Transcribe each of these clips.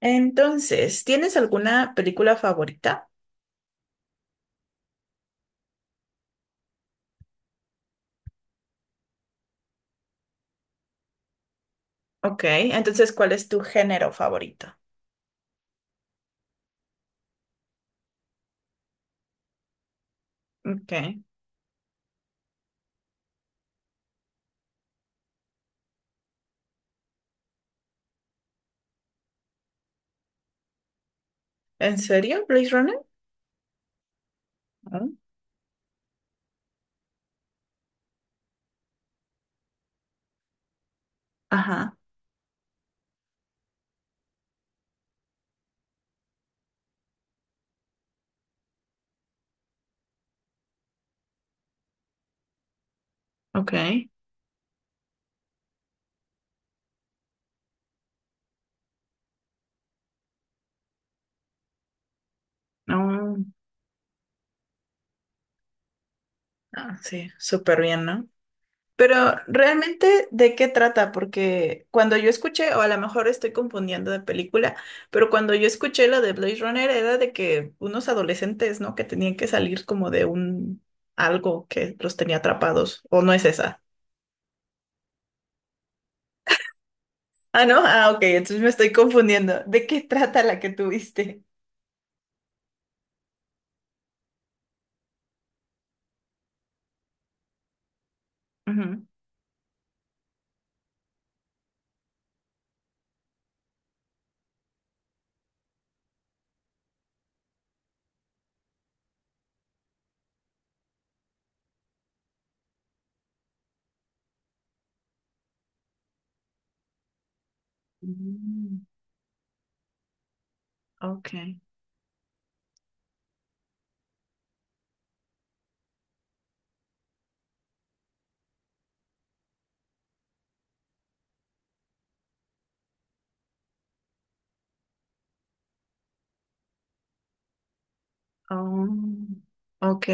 Entonces, ¿tienes alguna película favorita? Ok, entonces, ¿cuál es tu género favorito? Ok. ¿En serio, Blade Runner? Mm. Ajá, ok. Mm. Ah, sí, súper bien, ¿no? Pero realmente, ¿de qué trata? Porque cuando yo escuché, o a lo mejor estoy confundiendo de película, pero cuando yo escuché la de Blade Runner era de que unos adolescentes, ¿no? Que tenían que salir como de un algo que los tenía atrapados, ¿o no es esa? Ah, no, ah, ok, entonces me estoy confundiendo. ¿De qué trata la que tuviste? Ujú. Mm. Ok. Oh, ok.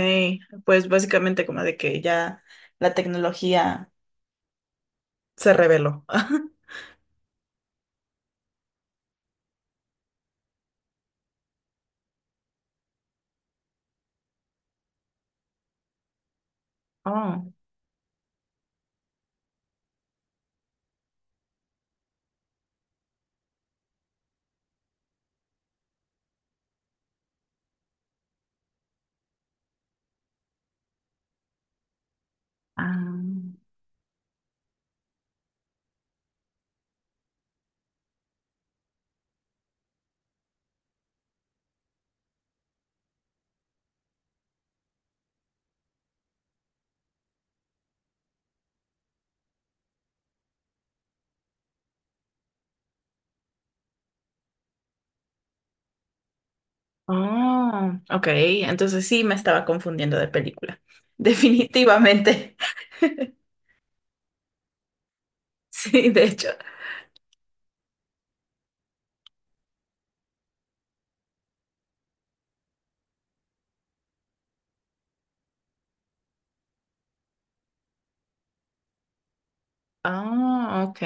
Pues básicamente como de que ya la tecnología se reveló. Oh. Ah. Oh, ok. Entonces sí me estaba confundiendo de película. Definitivamente. Sí, de hecho. Ah, ok.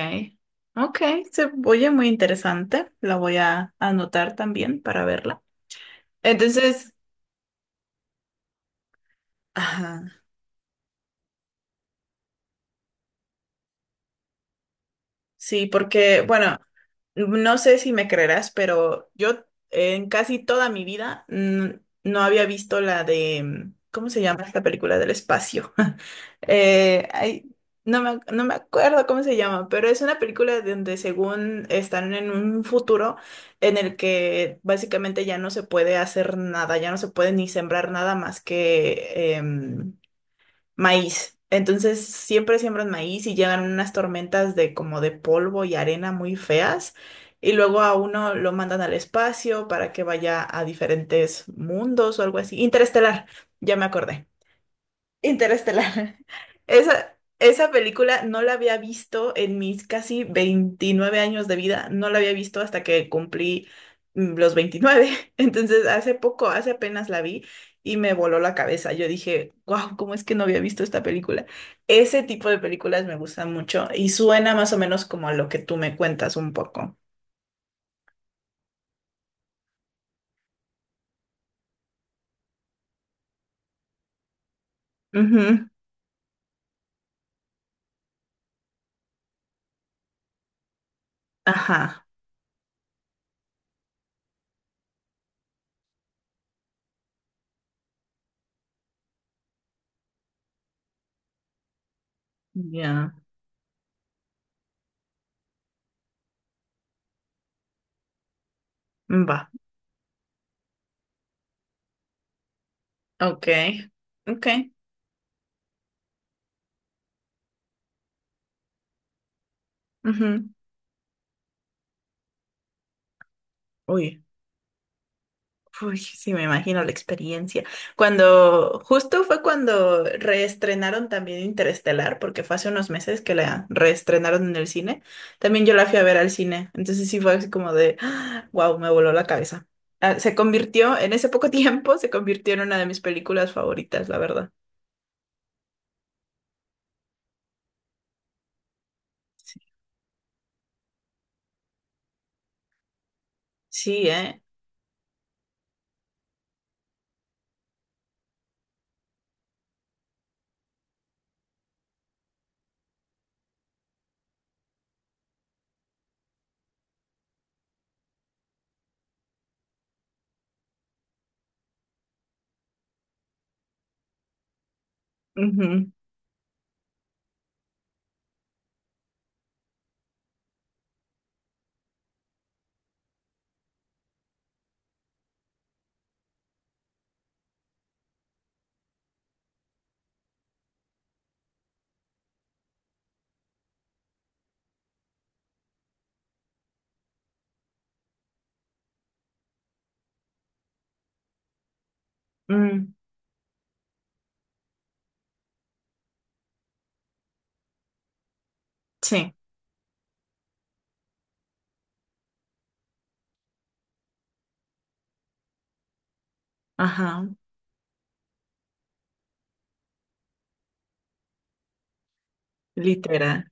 Ok, se oye muy interesante. La voy a anotar también para verla. Entonces, ajá, sí, porque, bueno, no sé si me creerás, pero yo en casi toda mi vida, no había visto la de, ¿cómo se llama esta película del espacio? Eh, ay, no me acuerdo cómo se llama, pero es una película donde según están en un futuro en el que básicamente ya no se puede hacer nada, ya no se puede ni sembrar nada más que... em, maíz. Entonces siempre siembran maíz y llegan unas tormentas de como de polvo y arena muy feas. Y luego a uno lo mandan al espacio para que vaya a diferentes mundos o algo así. Interestelar, ya me acordé. Interestelar. Esa película no la había visto en mis casi 29 años de vida, no la había visto hasta que cumplí, los 29. Entonces, hace poco, hace apenas la vi y me voló la cabeza. Yo dije, wow, ¿cómo es que no había visto esta película? Ese tipo de películas me gustan mucho y suena más o menos como a lo que tú me cuentas un poco. Ujú. Ajá. Ya. Va. Ok, ok. Ujú. Uy. Uy, sí, me imagino la experiencia. Cuando, justo fue cuando reestrenaron también Interestelar, porque fue hace unos meses que la reestrenaron en el cine. También yo la fui a ver al cine. Entonces sí fue así como de, wow, me voló la cabeza. Ah, se convirtió, en ese poco tiempo, se convirtió en una de mis películas favoritas, la verdad. Sí, sí, ujú. Mm, sí, ajá, literal.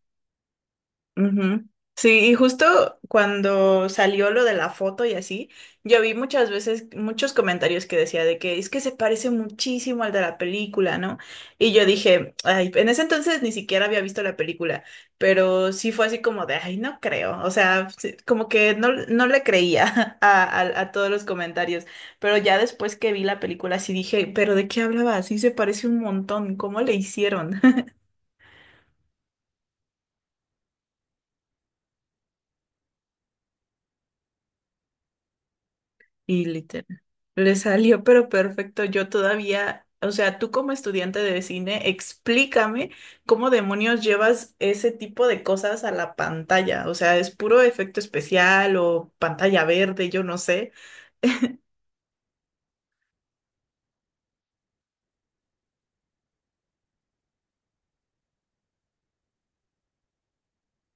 Ujú. Sí, y justo cuando salió lo de la foto y así, yo vi muchas veces muchos comentarios que decía de que es que se parece muchísimo al de la película, ¿no? Y yo dije, ay, en ese entonces ni siquiera había visto la película, pero sí fue así como de, ay, no creo, o sea, sí, como que no, no le creía a todos los comentarios, pero ya después que vi la película sí dije, pero ¿de qué hablaba? Sí se parece un montón, ¿cómo le hicieron? Y literal. Le salió pero perfecto. Yo todavía, o sea, tú como estudiante de cine, explícame cómo demonios llevas ese tipo de cosas a la pantalla. O sea, es puro efecto especial o pantalla verde, yo no sé.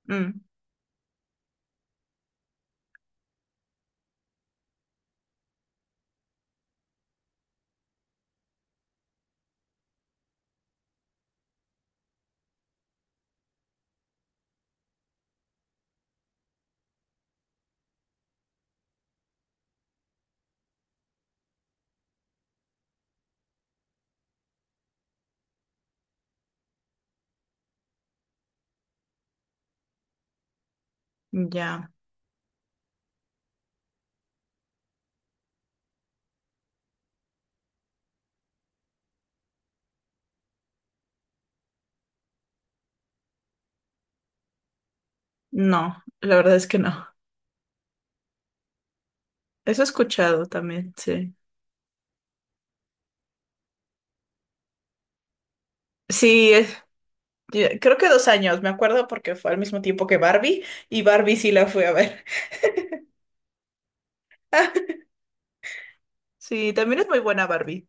Mm, ya. No, la verdad es que no. Eso he escuchado también, sí. Sí, creo que 2 años, me acuerdo porque fue al mismo tiempo que Barbie y Barbie sí la fui a ver. Sí, también es muy buena Barbie.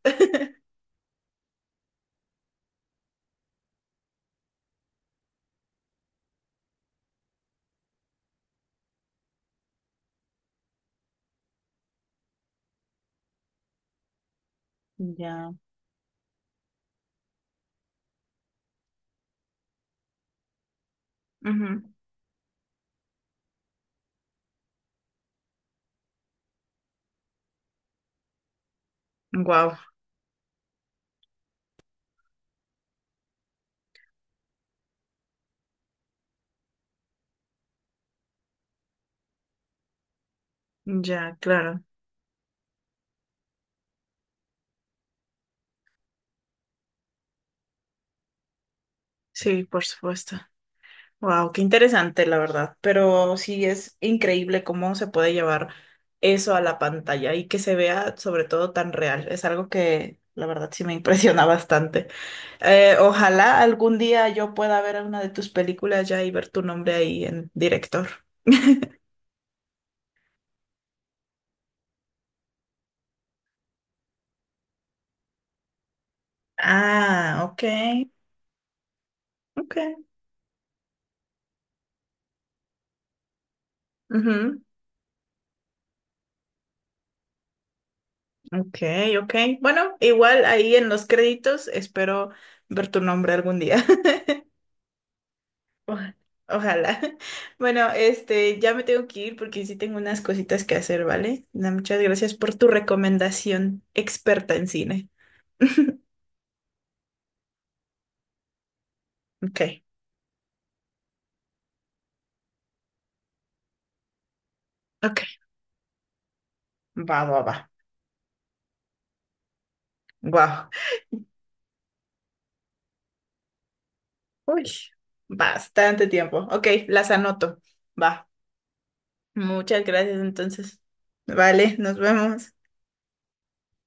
Ya. Wow. Ya, claro. Sí, por supuesto. Wow, qué interesante, la verdad. Pero sí es increíble cómo se puede llevar eso a la pantalla y que se vea sobre todo tan real. Es algo que la verdad sí me impresiona bastante. Ojalá algún día yo pueda ver una de tus películas ya y ver tu nombre ahí en director. Ah, ok, ok. Ujú. Ok, ok. Bueno, igual ahí en los créditos espero ver tu nombre algún día. Oja- Ojalá. Bueno, este, ya me tengo que ir porque sí tengo unas cositas que hacer, ¿vale? Na, muchas gracias por tu recomendación experta en cine. Ok, ok. Va, va, va. Guau. Uy, bastante tiempo. Ok, las anoto. Va. Muchas gracias entonces. Vale, nos vemos.